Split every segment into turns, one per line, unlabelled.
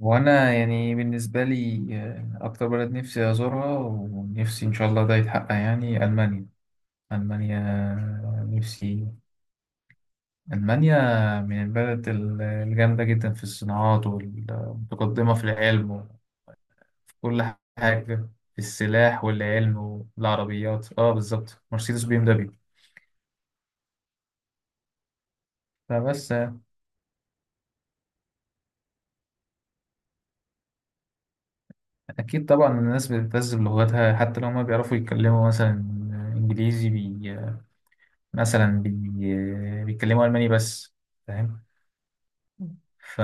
وانا يعني بالنسبه لي اكتر بلد نفسي ازورها ونفسي ان شاء الله ده يتحقق يعني المانيا. المانيا نفسي المانيا من البلد الجامده جدا في الصناعات والمتقدمه في العلم وفي كل حاجه في السلاح والعلم والعربيات اه بالظبط مرسيدس بي ام دبليو. فبس. اكيد طبعا الناس بتهتز بلغتها حتى لو ما بيعرفوا يتكلموا مثلا انجليزي، مثلا بيتكلموا ألماني بس، فاهم؟ ف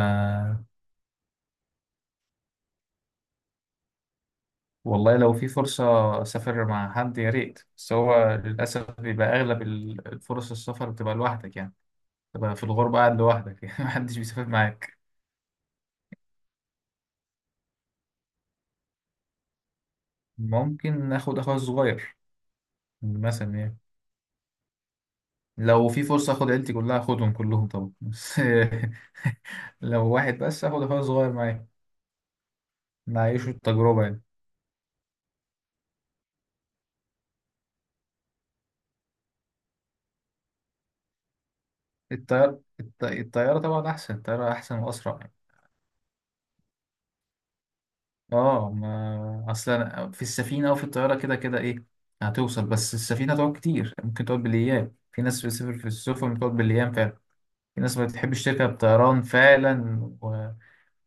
والله لو في فرصة أسافر مع حد يا ريت، بس هو للأسف بيبقى أغلب الفرص السفر بتبقى لوحدك يعني، بتبقى في الغربة قاعد لوحدك يعني محدش بيسافر معاك. ممكن آخد أخويا الصغير مثلا يعني. لو في فرصة آخد عيلتي كلها، آخدهم كلهم طبعا بس لو واحد بس آخد أخويا الصغير معايا نعيشه التجربة يعني. الطيار الطيارة طبعا أحسن، الطيارة أحسن وأسرع. اه ما اصلا في السفينه او في الطياره كده كده ايه، هتوصل، بس السفينه تقعد كتير، ممكن تقعد بالايام، في ناس بتسافر في السفن بتقعد بالايام فعلا. في ناس ما بتحبش تركب طيران فعلا، وما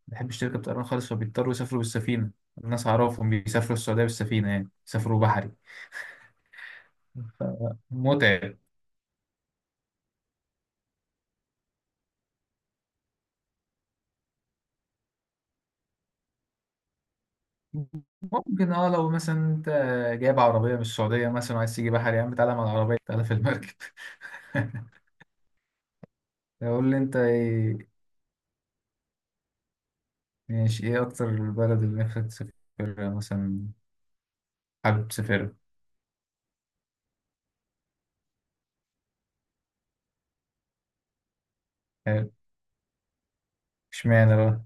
بتحبش تركب طيران خالص فبيضطروا يسافروا بالسفينه. الناس اعرفهم بيسافروا السعوديه بالسفينه، يعني بيسافروا بحري. متعب. ممكن اه، لو مثلا انت جايب عربيه من السعوديه مثلا وعايز تيجي بحري، يا عم تعالى مع العربيه، تعالى في المركب يقول لي انت إيه؟ ماشي، ايه اكتر البلد اللي نفسك تسافرها مثلا، حابب تسافرها؟ حلو. اشمعنى بقى؟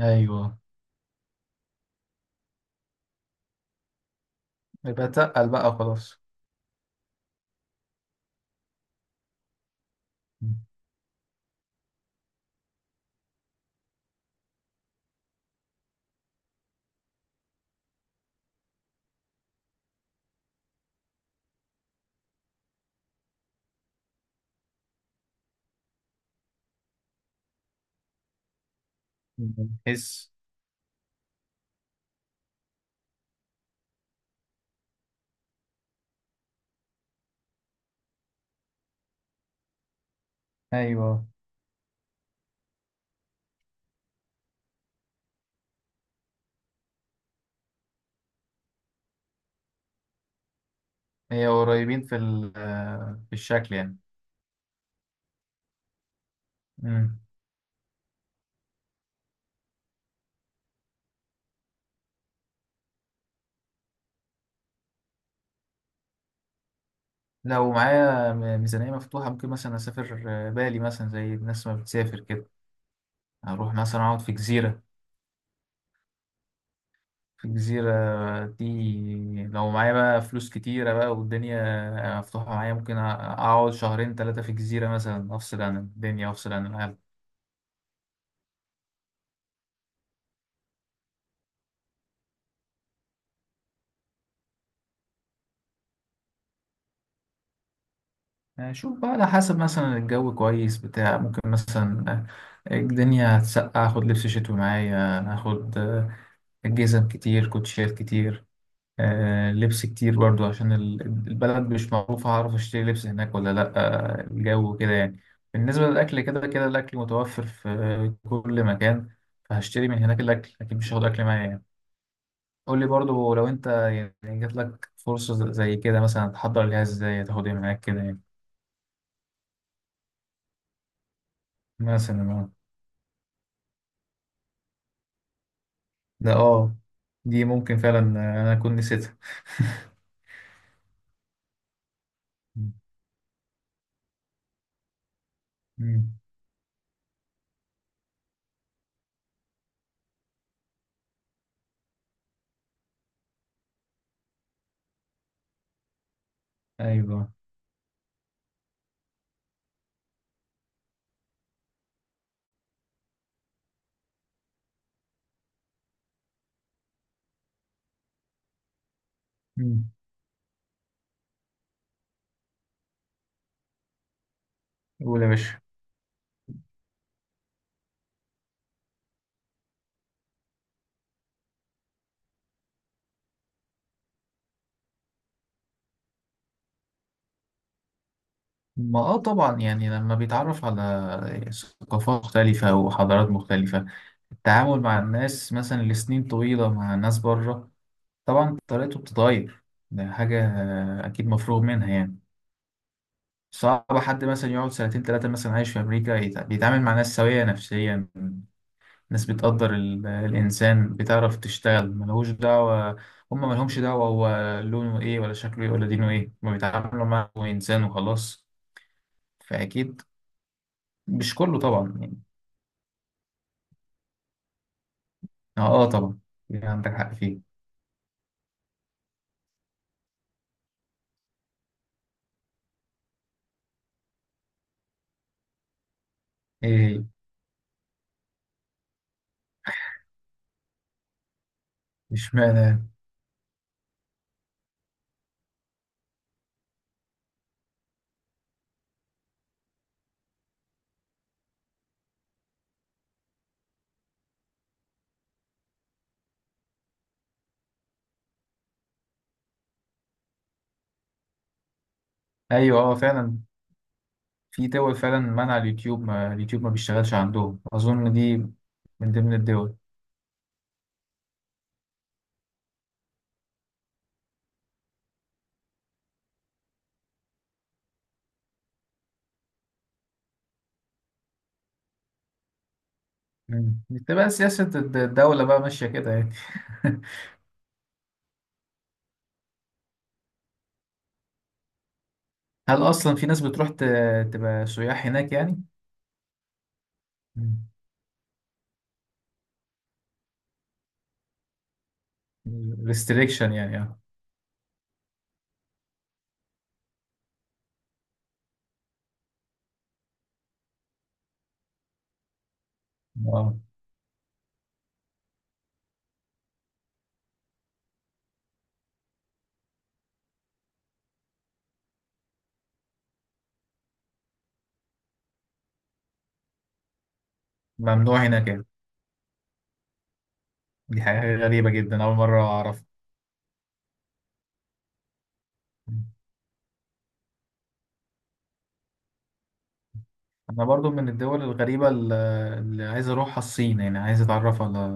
ايوه. يبقى تقل بقى وخلاص حس، ايوه هي قريبين في في الشكل يعني. مم. لو معايا ميزانية مفتوحة ممكن مثلا اسافر بالي، مثلا زي الناس ما بتسافر كده، اروح مثلا اقعد في جزيرة. في الجزيرة دي لو معايا بقى فلوس كتيرة بقى والدنيا مفتوحة معايا، ممكن أقعد شهرين تلاتة في الجزيرة مثلا، أفصل عن الدنيا، أفصل عن العالم. أشوف بقى على حسب مثلا الجو، كويس بتاع، ممكن مثلا الدنيا هتسقع أخد لبس شتوي معايا، أخد جزم كتير، كوتشيات كتير، لبس كتير برضو عشان البلد مش معروفة هعرف اشتري لبس هناك ولا لأ، الجو كده يعني. بالنسبة للأكل كده كده الأكل متوفر في كل مكان، فهشتري من هناك الأكل لكن مش هاخد أكل معايا يعني. قول لي برضو لو أنت يعني جات لك فرصة زي كده مثلا تحضر ليها ازاي، تاخد ايه معاك كده يعني، مثلا آه. ده اه، دي ممكن فعلا أنا أكون نسيتها. مم. مم. أيوه. مم. قول يا باشا. ما اه طبعا، يعني لما بيتعرف على ثقافات مختلفة وحضارات مختلفة، التعامل مع الناس مثلا لسنين طويلة مع ناس بره، طبعا طريقته بتتغير. ده حاجة أكيد مفروغ منها يعني. صعب حد مثلا يقعد سنتين تلاتة مثلا عايش في أمريكا بيتعامل مع ناس سوية نفسيا، ناس بتقدر الإنسان، بتعرف تشتغل، ملهوش دعوة، هما ملهمش دعوة هو لونه إيه ولا شكله إيه ولا دينه إيه، هما بيتعاملوا معه إنسان وخلاص. فأكيد مش كله. طبعا يعني. اه آه طبعا، يعني عندك حق فيه. ايه؟ مش معنى. ايوه اه فعلا، في دول فعلا منع اليوتيوب، ما اليوتيوب ما بيشتغلش عندهم، اظن دي من ضمن الدول. مم. تبقى سياسة الدولة بقى ماشية كده يعني. هل اصلا في ناس بتروح تبقى سياح هناك يعني؟ ريستريكشن يعني، اه. آه. ممنوع هناك يعني؟ دي حاجة غريبة جدا، اول مرة اعرف. انا برضو من الدول الغريبة اللي عايز اروحها الصين، يعني عايز اتعرف على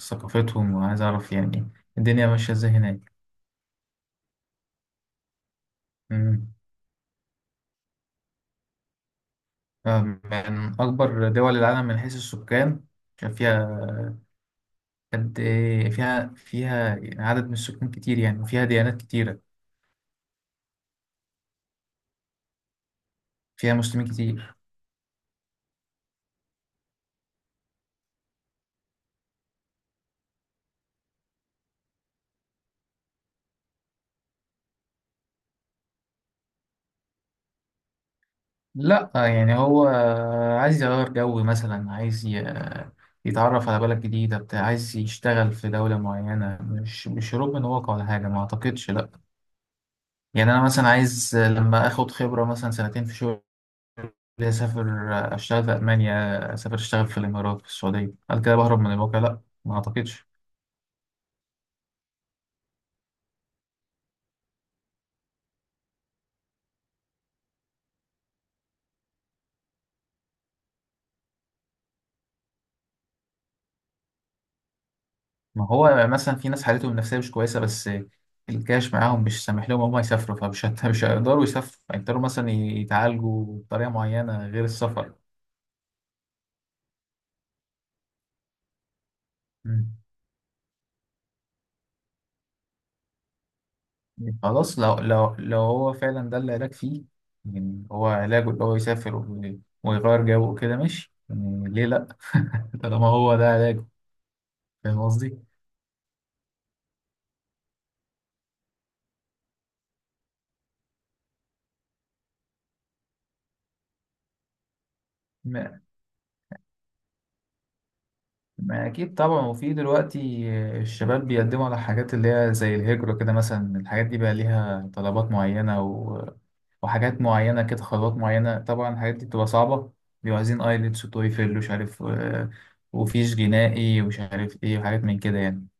ثقافتهم وعايز اعرف يعني الدنيا ماشية ازاي هناك. أمم. أم- من اكبر دول العالم من حيث السكان، عشان فيها فيها عدد من السكان كتير يعني، وفيها ديانات كتيرة. فيها مسلمين كتير. لا يعني هو عايز يغير جو مثلا، عايز يتعرف على بلد جديدة بتاع، عايز يشتغل في دولة معينة، مش هروب من واقع ولا حاجة، ما أعتقدش لا. يعني انا مثلا عايز لما اخد خبره مثلا سنتين في شغل اسافر اشتغل في المانيا، اسافر اشتغل في الامارات في السعوديه، هل كده بهرب من الواقع؟ لا ما اعتقدش. ما هو مثلا في ناس حالتهم النفسيه مش كويسه بس الكاش معاهم مش سامح لهم هم يسافروا، مش هيقدروا يسافروا، هيقدروا مثلا يتعالجوا بطريقه معينه غير السفر. مم. مم. خلاص لو لو هو فعلا ده العلاج فيه، يعني هو علاجه اللي هو يسافر ويغير جو وكده، ماشي يعني، ليه لا؟ طالما هو ده علاج. فاهم قصدي؟ ما ما أكيد طبعا، وفي دلوقتي الشباب بيقدموا على حاجات اللي هي زي الهجرة كده مثلا، الحاجات دي بقى ليها طلبات معينة وحاجات معينة كده، خطوات معينة، طبعا الحاجات دي بتبقى صعبة، بيبقوا عايزين ايلتس وتويفل ومش عارف وفيش جنائي ومش عارف ايه، وحاجات من كده يعني.